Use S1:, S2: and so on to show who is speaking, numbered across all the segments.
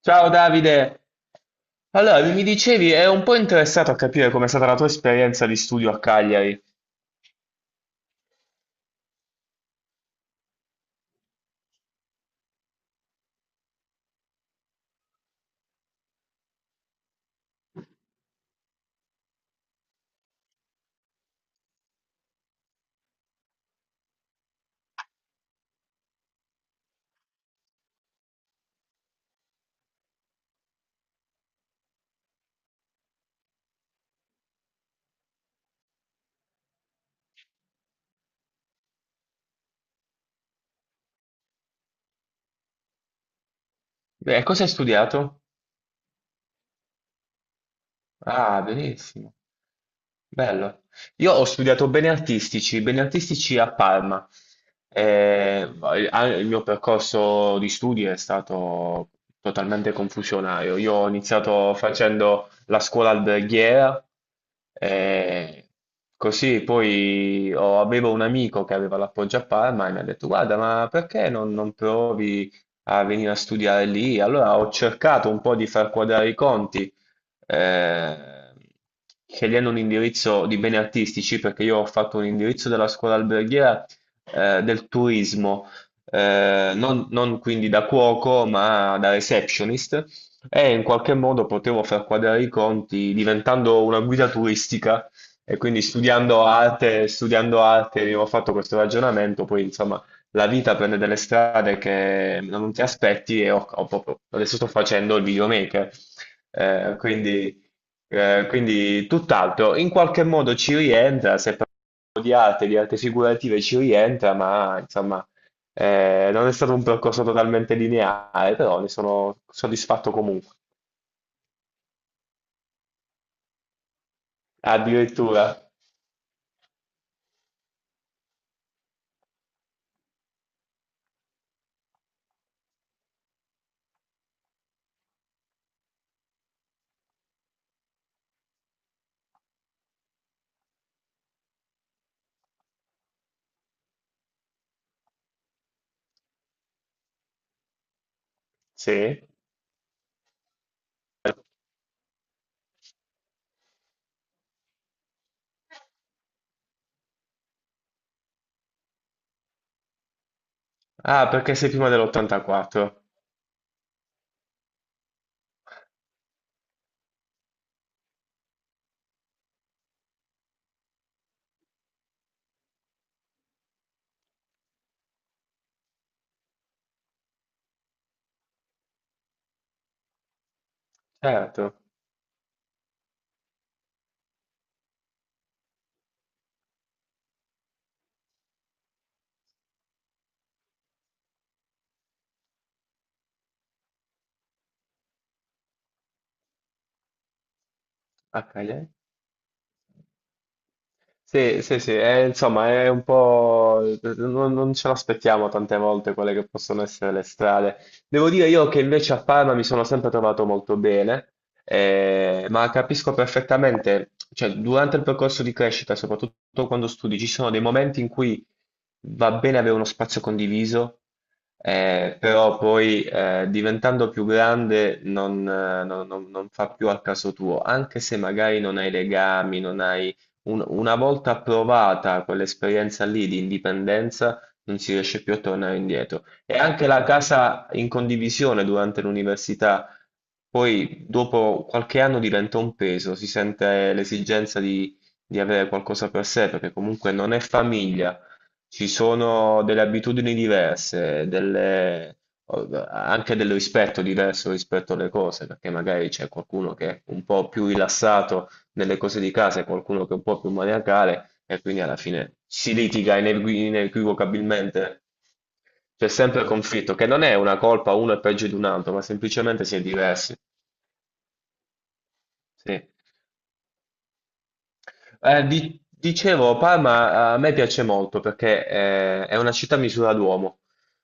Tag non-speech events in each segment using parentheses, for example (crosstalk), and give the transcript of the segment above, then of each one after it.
S1: Ciao Davide! Allora, mi dicevi, ero un po' interessato a capire com'è stata la tua esperienza di studio a Cagliari. Beh, cosa hai studiato? Ah, benissimo. Bello. Io ho studiato beni artistici a Parma. Il mio percorso di studi è stato totalmente confusionario. Io ho iniziato facendo la scuola alberghiera, eh, così poi avevo un amico che aveva l'appoggio a Parma e mi ha detto: Guarda, ma perché non provi a venire a studiare lì? Allora ho cercato un po' di far quadrare i conti eh, scegliendo un indirizzo di beni artistici, perché io ho fatto un indirizzo della scuola alberghiera del turismo, non quindi da cuoco, ma da receptionist, e in qualche modo potevo far quadrare i conti diventando una guida turistica. E quindi studiando arte, abbiamo fatto questo ragionamento, poi insomma la vita prende delle strade che non ti aspetti e adesso sto facendo il videomaker. Eh, quindi, quindi tutt'altro. In qualche modo ci rientra, se parlo di arte figurative ci rientra, ma insomma, non è stato un percorso totalmente lineare, però ne sono soddisfatto comunque. Addirittura, sì. Ah, perché sei prima dell'84. Certo, a Cagliari. Sì, sì, sì, insomma è un po'... non ce l'aspettiamo tante volte quelle che possono essere le strade. Devo dire io che invece a Parma mi sono sempre trovato molto bene, ma capisco perfettamente, cioè durante il percorso di crescita, soprattutto quando studi, ci sono dei momenti in cui va bene avere uno spazio condiviso, però poi diventando più grande non fa più al caso tuo, anche se magari non hai legami, non hai una volta provata quell'esperienza lì di indipendenza, non si riesce più a tornare indietro. E anche la casa in condivisione durante l'università, poi dopo qualche anno diventa un peso, si sente l'esigenza di avere qualcosa per sé, perché comunque non è famiglia, ci sono delle abitudini diverse, delle anche del rispetto diverso rispetto alle cose, perché magari c'è qualcuno che è un po' più rilassato nelle cose di casa, e qualcuno che è un po' più maniacale e quindi alla fine si litiga inequivocabilmente. C'è sempre il conflitto, che non è una colpa uno è peggio di un altro, ma semplicemente si è diversi. Sì. Dicevo, Parma a me piace molto perché è una città a misura d'uomo,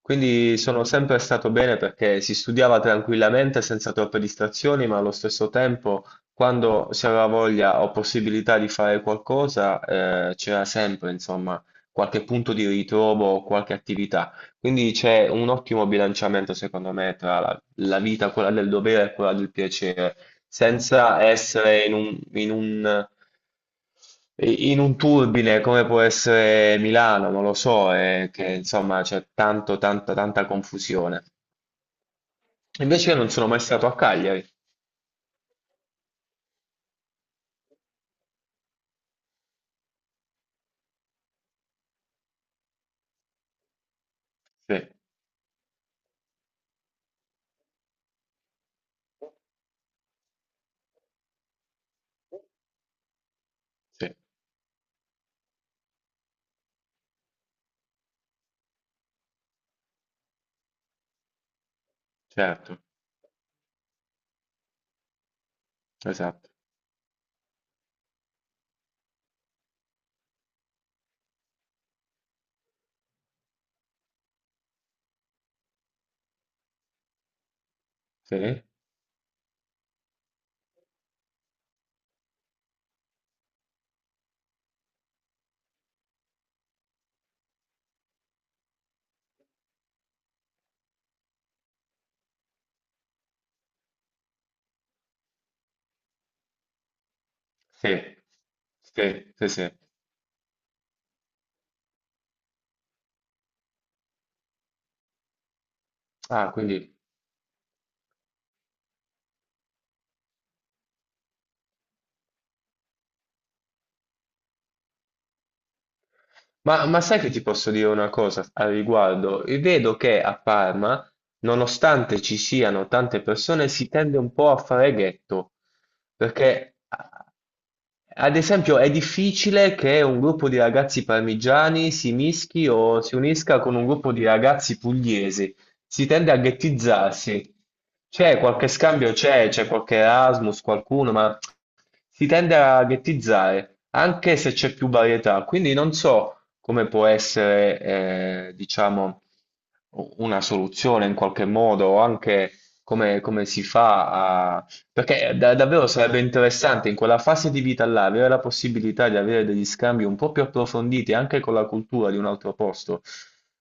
S1: quindi sono sempre stato bene perché si studiava tranquillamente senza troppe distrazioni, ma allo stesso tempo, quando si aveva voglia o possibilità di fare qualcosa, c'era sempre, insomma, qualche punto di ritrovo o qualche attività. Quindi c'è un ottimo bilanciamento, secondo me, tra la vita, quella del dovere e quella del piacere, senza essere in un turbine come può essere Milano, non lo so, è che insomma c'è tanta confusione. Invece io non sono mai stato a Cagliari. Sì, sì, certo, esatto. Sì, sì, sì, sì, sì. Ah, quindi... Ma sai che ti posso dire una cosa al riguardo? Vedo che a Parma, nonostante ci siano tante persone, si tende un po' a fare ghetto, perché ad esempio, è difficile che un gruppo di ragazzi parmigiani si mischi o si unisca con un gruppo di ragazzi pugliesi. Si tende a ghettizzarsi. C'è qualche scambio, c'è qualche Erasmus, qualcuno, ma si tende a ghettizzare, anche se c'è più varietà. Quindi non so come può essere, diciamo, una soluzione in qualche modo, o anche come, come si fa perché davvero sarebbe interessante in quella fase di vita là avere la possibilità di avere degli scambi un po' più approfonditi anche con la cultura di un altro posto.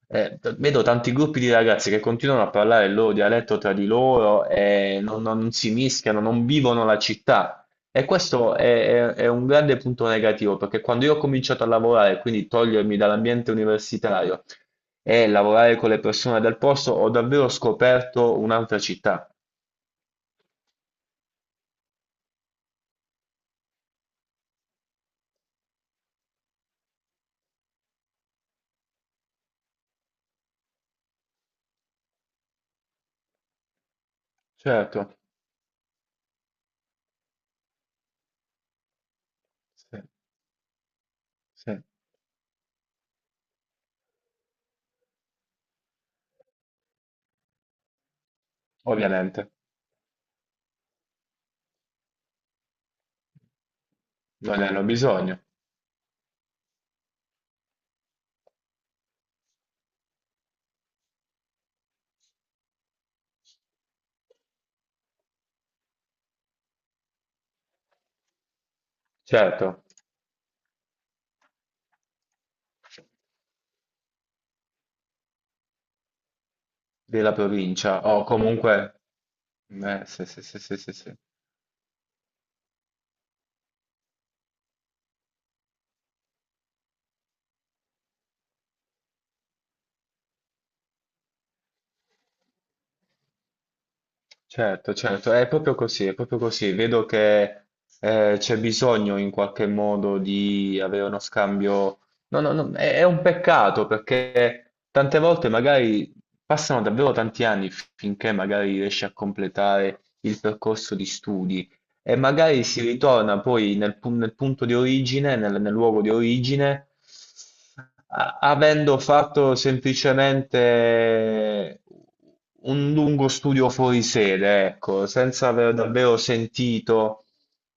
S1: Vedo tanti gruppi di ragazzi che continuano a parlare il loro dialetto tra di loro e non si mischiano, non vivono la città. E è un grande punto negativo, perché quando io ho cominciato a lavorare, quindi togliermi dall'ambiente universitario e lavorare con le persone del posto, ho davvero scoperto un'altra città. Certo. Sì. Sì, ovviamente, non ne hanno bisogno, certo, della provincia o comunque, sì, sì, sì, sì, sì, sì. Certo, certo, è proprio così, è proprio così. Vedo che c'è bisogno in qualche modo di avere uno scambio. No, no, no, è un peccato perché tante volte magari passano davvero tanti anni finché magari riesci a completare il percorso di studi. E magari si ritorna poi nel punto di origine, nel luogo di origine, avendo fatto semplicemente un lungo studio fuori sede, ecco, senza aver davvero sentito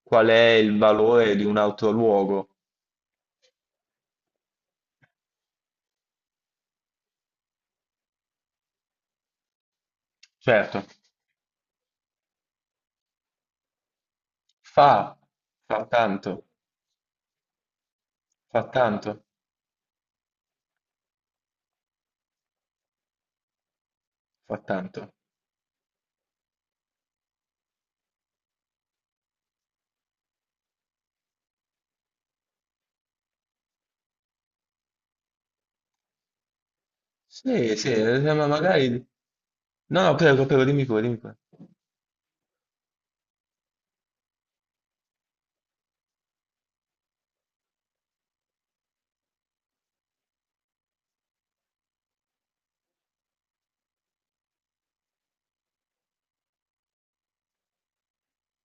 S1: qual è il valore di un altro luogo. Certo, fa, fa tanto, fa tanto, fa tanto. Sì, sì, ma magari... No, no, prego, prego, dimmi pure, dimmi pure.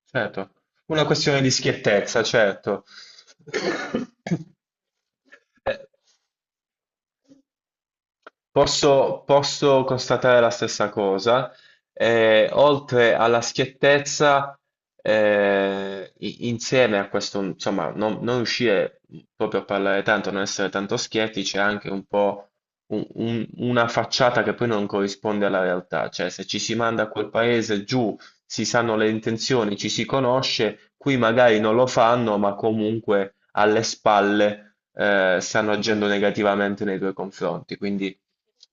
S1: Certo, una questione di schiettezza, certo. (coughs) Eh, Posso, posso constatare la stessa cosa. Oltre alla schiettezza, insieme a questo, insomma, non riuscire proprio a parlare tanto, non essere tanto schietti, c'è anche un po' una facciata che poi non corrisponde alla realtà. Cioè, se ci si manda a quel paese giù, si sanno le intenzioni, ci si conosce, qui magari non lo fanno, ma comunque alle spalle stanno agendo negativamente nei tuoi confronti. Quindi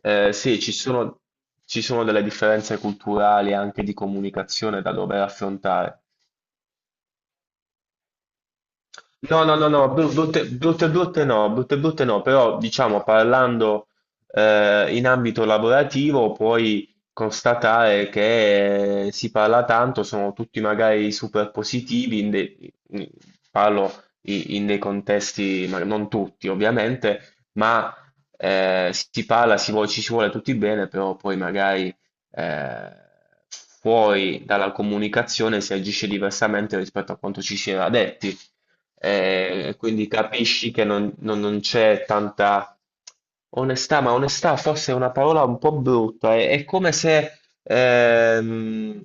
S1: sì, ci sono delle differenze culturali e anche di comunicazione da dover affrontare. No, no, no, no, brutte, brutte, brutte no, però diciamo parlando in ambito lavorativo puoi constatare che si parla tanto, sono tutti magari super positivi, in dei- in- parlo i- in, dei contesti, ma non tutti ovviamente, ma si parla, ci si vuole tutti bene, però poi magari eh, fuori dalla comunicazione si agisce diversamente rispetto a quanto ci si era detti. Quindi capisci che non c'è tanta onestà, ma onestà forse è una parola un po' brutta, è come se...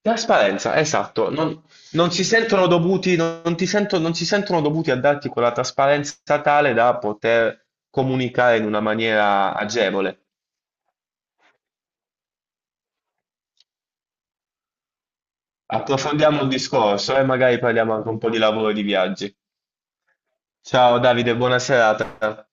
S1: trasparenza, esatto, non si sentono dovuti, non si sentono dovuti a darti quella trasparenza tale da poter comunicare in una maniera agevole. Approfondiamo il discorso e magari parliamo anche un po' di lavoro e di viaggi. Ciao Davide, buona serata.